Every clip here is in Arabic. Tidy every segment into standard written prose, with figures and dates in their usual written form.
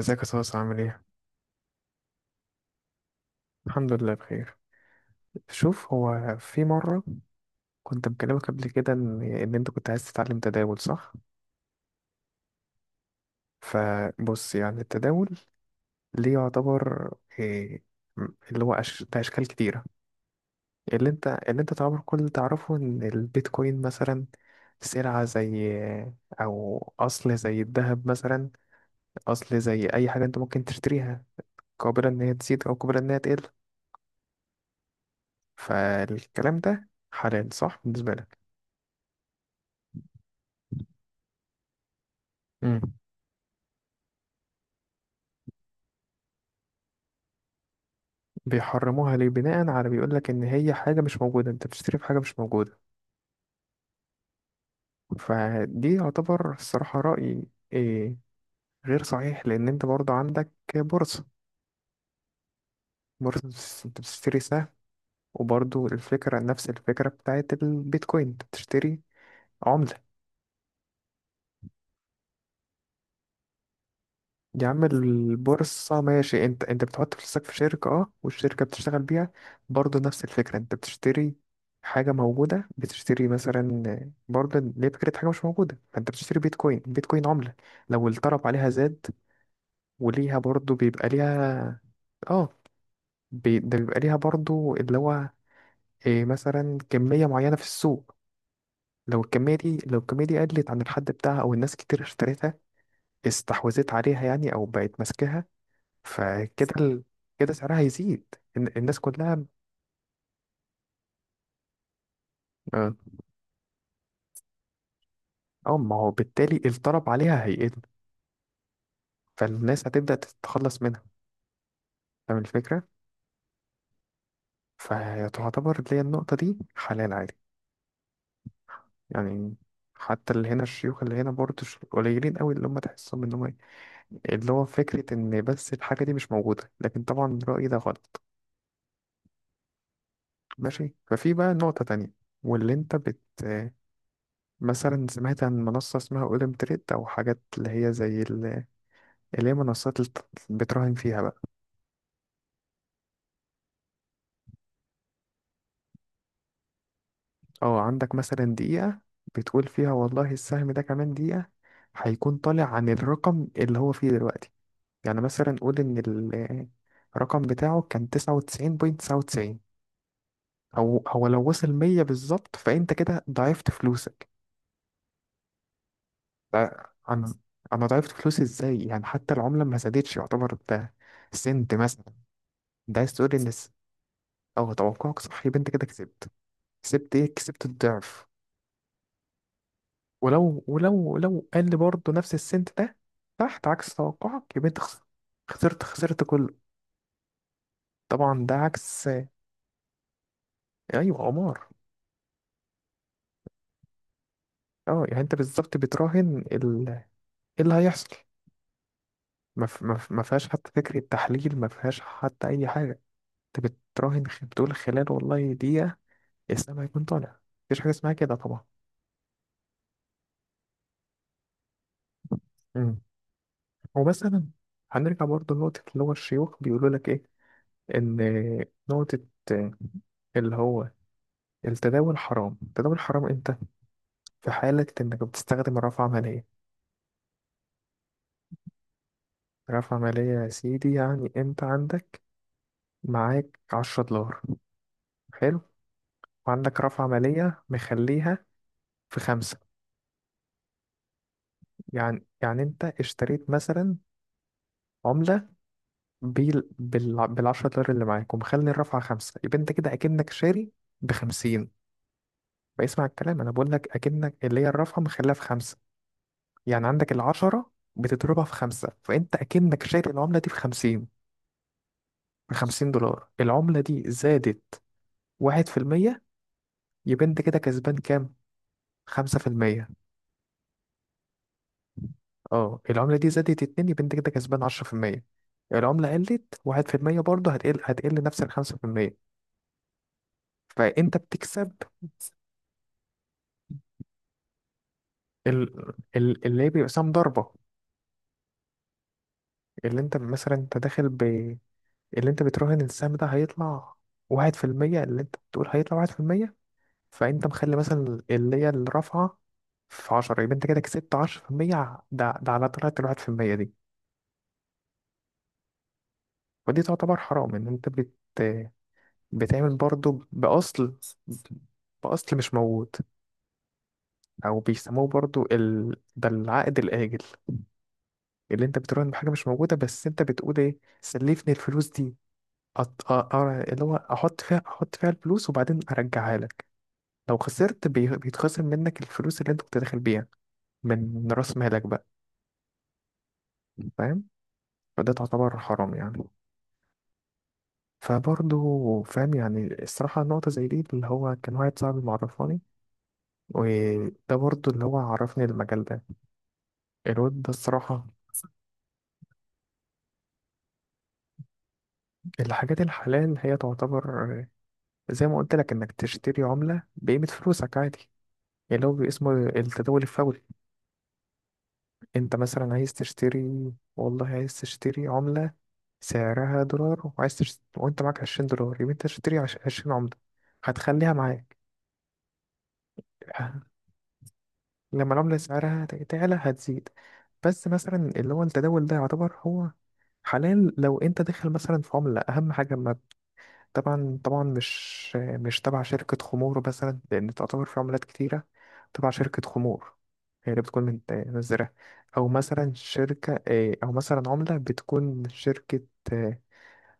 ازيك يا صوص؟ عامل ايه؟ الحمد لله بخير. شوف، هو في مرة كنت مكلمك قبل كده ان انت كنت عايز تتعلم تداول، صح؟ فبص، يعني التداول ليه يعتبر إيه، م- اللي هو ده اشكال كتيرة. اللي انت تعتبر كل اللي تعرفه ان البيتكوين مثلا سلعة، زي او اصل زي الذهب مثلا، اصل زي اي حاجة انت ممكن تشتريها، قابلة ان هي تزيد او قابلة ان هي تقل. فالكلام ده حلال صح بالنسبة لك؟ بيحرموها ليه؟ بناء على بيقول لك ان هي حاجه مش موجوده، انت بتشتري في حاجه مش موجوده. فدي يعتبر الصراحه رايي إيه، غير صحيح، لان انت برضو عندك بورصه. بورصه انت بتشتري سهم، وبرضو الفكره نفس الفكره بتاعت البيتكوين، انت بتشتري عمله. يا عم البورصة ماشي، انت بتحط فلوسك في شركة اه، والشركة بتشتغل بيها، برضه نفس الفكرة، انت بتشتري حاجة موجودة، بتشتري مثلا برضه ليه فكرة حاجة مش موجودة. فانت بتشتري بيتكوين، بيتكوين عملة، لو الطلب عليها زاد وليها برضه بيبقى ليها. اه، ده بيبقى ليها برضه اللي هو إيه، مثلا كمية معينة في السوق. لو الكمية دي، لو الكمية دي قلت عن الحد بتاعها أو الناس كتير اشتريتها، استحوذت عليها يعني أو بقت ماسكاها، فكده ال... كده سعرها هيزيد. الناس كلها اه. اه، ما هو بالتالي الطلب عليها هيقل، فالناس هتبدأ تتخلص منها. فاهم الفكرة؟ فتعتبر اللي هي النقطة دي حلال عادي يعني. حتى اللي هنا، الشيوخ اللي هنا برضه قليلين قوي اللي هم تحسهم ان هم إيه، اللي هو فكرة ان بس الحاجة دي مش موجودة. لكن طبعا رأيي ده غلط. ماشي، ففي بقى نقطة تانية. واللي انت بت مثلا سمعت عن منصة اسمها اولم تريد او حاجات اللي هي زي، اللي هي منصات بتراهن فيها بقى. اه، عندك مثلا دقيقة بتقول فيها والله السهم ده كمان دقيقة هيكون طالع عن الرقم اللي هو فيه دلوقتي. يعني مثلا قول إن الرقم بتاعه كان 99 بوينت 99، أو هو لو وصل 100 بالظبط، فأنت كده ضعفت فلوسك. ده أنا أنا ضعفت فلوسي إزاي يعني، حتى العملة ما زادتش؟ يعتبر ده سنت مثلا. ده عايز تقول إن أه، توقعك صح يبقى أنت كده كسبت. كسبت إيه؟ كسبت الضعف. ولو لو قال لي برضه نفس السنت ده تحت عكس توقعك يبقى انت خسرت، خسرت كله طبعا، ده عكس. ايوه، عمار. اه يعني انت بالظبط بتراهن ايه اللي هيحصل. ما فيهاش حتى فكرة تحليل، ما فيهاش حتى اي حاجة. انت بتراهن، بتقول خلال والله دقيقة الاسلام هيكون طالع. مفيش حاجة اسمها كده طبعا. امم، ومثلا هنرجع برضه لنقطة اللي هو الشيوخ بيقولوا لك ايه، ان نقطة اللي هو التداول حرام. التداول حرام امتى؟ في حالة انك بتستخدم رافعة مالية. رافعة مالية يا سيدي يعني انت عندك، معاك 10 دولار، حلو، وعندك رافعة مالية مخليها في خمسة. يعني انت اشتريت مثلا عملة بال10 دولار اللي معاك ومخلي الرافعة خمسة، يبقى انت كده اكنك شاري بخمسين. بيسمع الكلام، انا بقول لك اكنك اللي هي الرافعة مخليها في خمسة، يعني عندك العشرة بتضربها في خمسة، فانت اكنك شاري العملة دي بخمسين. ب50 دولار، العملة دي زادت 1%، يبقى انت كده كسبان كام؟ 5%. اه، العملة دي زادت اتنين، يبقى انت كده كسبان 10%. العملة قلت 1%، برضه هتقل، هتقل نفس ال5%، فانت بتكسب. ال... اللي هي بيبقى سهم ضربة. اللي انت مثلا انت داخل ب اللي انت بتراهن السهم ده هيطلع 1%، اللي انت بتقول هيطلع 1%، فانت مخلي مثلا اللي هي الرافعه في 10، يبقى انت كده كسبت 10%، ده على طلعت ال1% دي. ودي تعتبر حرام، ان انت بتعمل برضو باصل، باصل مش موجود. او بيسموه برضو ده العقد الاجل، اللي انت بتراهن بحاجه مش موجوده. بس انت بتقول ايه، سلفني الفلوس دي، اللي هو احط فيها الفلوس وبعدين ارجعها لك. لو خسرت بيتخصم منك الفلوس اللي انت كنت داخل بيها من راس مالك بقى. فاهم؟ فده تعتبر حرام يعني. فبرضه فاهم، يعني الصراحة نقطة زي دي اللي هو كان واحد صاحبي معرفاني، وده برضه اللي هو عرفني المجال ده، الواد ده الصراحة. الحاجات الحلال هي تعتبر زي ما قلت لك، انك تشتري عملة بقيمة فلوسك عادي، اللي هو اسمه التداول الفوري. انت مثلا عايز تشتري والله عايز تشتري عملة سعرها دولار وعايز وانت معاك 20 دولار يبقى انت تشتري 20 عملة، هتخليها معاك لما العملة سعرها تعلى هتزيد. بس مثلا اللي هو التداول ده يعتبر هو حلال لو انت داخل مثلا في عملة، اهم حاجة ما، طبعا طبعا مش تبع شركة خمور مثلا، لان تعتبر في عملات كتيرة تبع شركة خمور هي اللي بتكون منزلة، او مثلا شركة اه، او مثلا عملة بتكون شركة اه،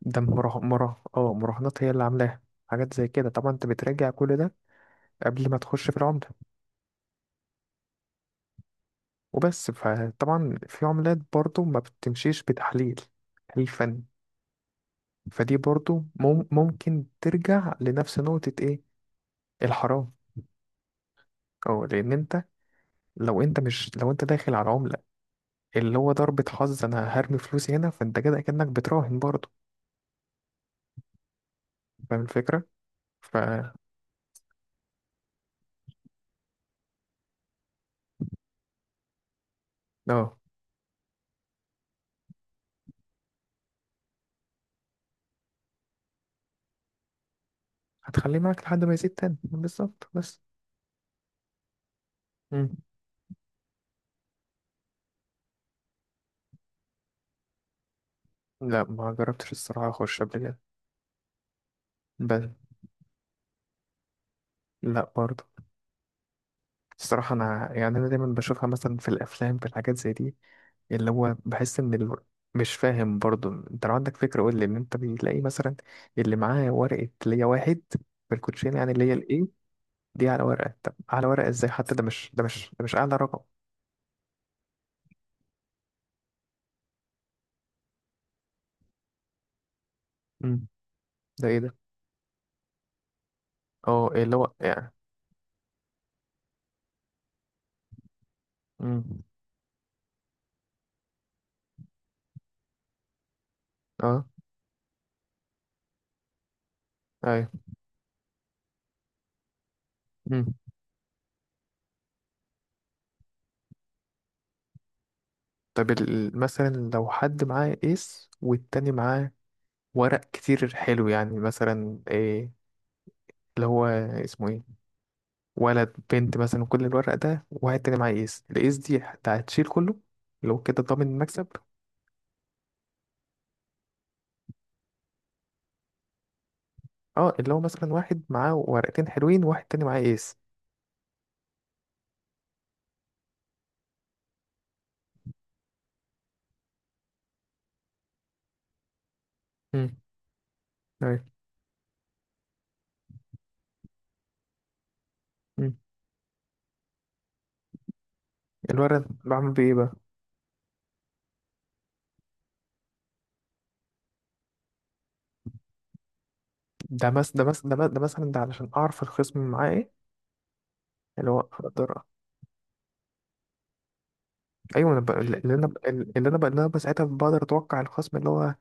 ده مراه اه مراهنات هي اللي عاملاها. حاجات زي كده طبعا انت بتراجع كل ده قبل ما تخش في العملة وبس. فطبعا في عملات برضو ما بتمشيش بتحليل، تحليل فني، فدي برضو ممكن ترجع لنفس نقطة ايه، الحرام. او لان انت، لو انت مش، لو انت داخل على عملة اللي هو ضربة حظ، انا هرمي فلوسي هنا، فانت كده كأنك بتراهن برضو. فاهم الفكرة؟ ف اه، هتخليه معاك لحد ما يزيد تاني بالظبط بس. مم. لا، ما جربتش الصراحة اخش قبل كده. بس لا برضو، الصراحة أنا يعني أنا دايما بشوفها مثلا في الأفلام، في الحاجات زي دي، اللي هو بحس ان مش فاهم برضو. انت لو عندك فكرة قول لي، ان انت بتلاقي مثلا اللي معاه ورقة ليا واحد في الكوتشين، يعني اللي هي الايه، دي على ورقة؟ طب على ورقة ازاي؟ حتى ده مش ده مش اعلى رقم. امم، ده ايه ده؟ اه، إيه اللي هو يعني. امم، اه، ايوه، امم. طب مثلا لو حد معاه ايس والتاني معاه ورق كتير حلو يعني، مثلا ايه اللي هو اسمه ايه، ولد بنت مثلا كل الورق ده، وواحد تاني معاه ايس، الايس دي حتى هتشيل كله. لو كده ضامن المكسب. اه، اللي هو مثلا واحد معاه ورقتين حلوين وواحد تاني معاه ايس. مم. أيوة. مم. الورق ده بعمل بيه ايه بقى؟ ده مثلا ده علشان اعرف الخصم اللي معاه ايه، اللي هو اقدر. ايوه، انا ب... اللي انا ب... اللي انا ب... اللي انا ساعتها بقدر اتوقع الخصم اللي هو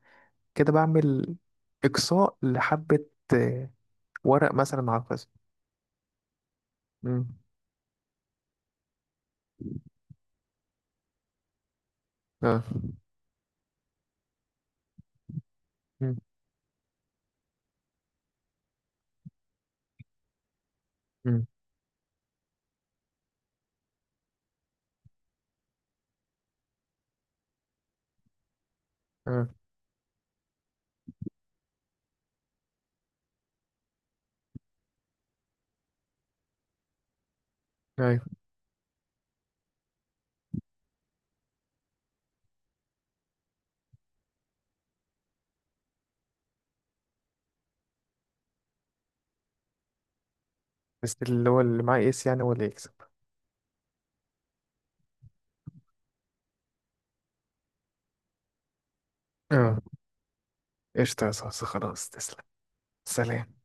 كده، بعمل اقصاء لحبة آه، ورق مثلا مع الخصم. مم. اه. مم. مم. اه. أيوة. بس اللي هو اللي معاه ايس يعني هو اللي يكسب. اه، قشطة يا صاصة، خلاص تسلم، سلام.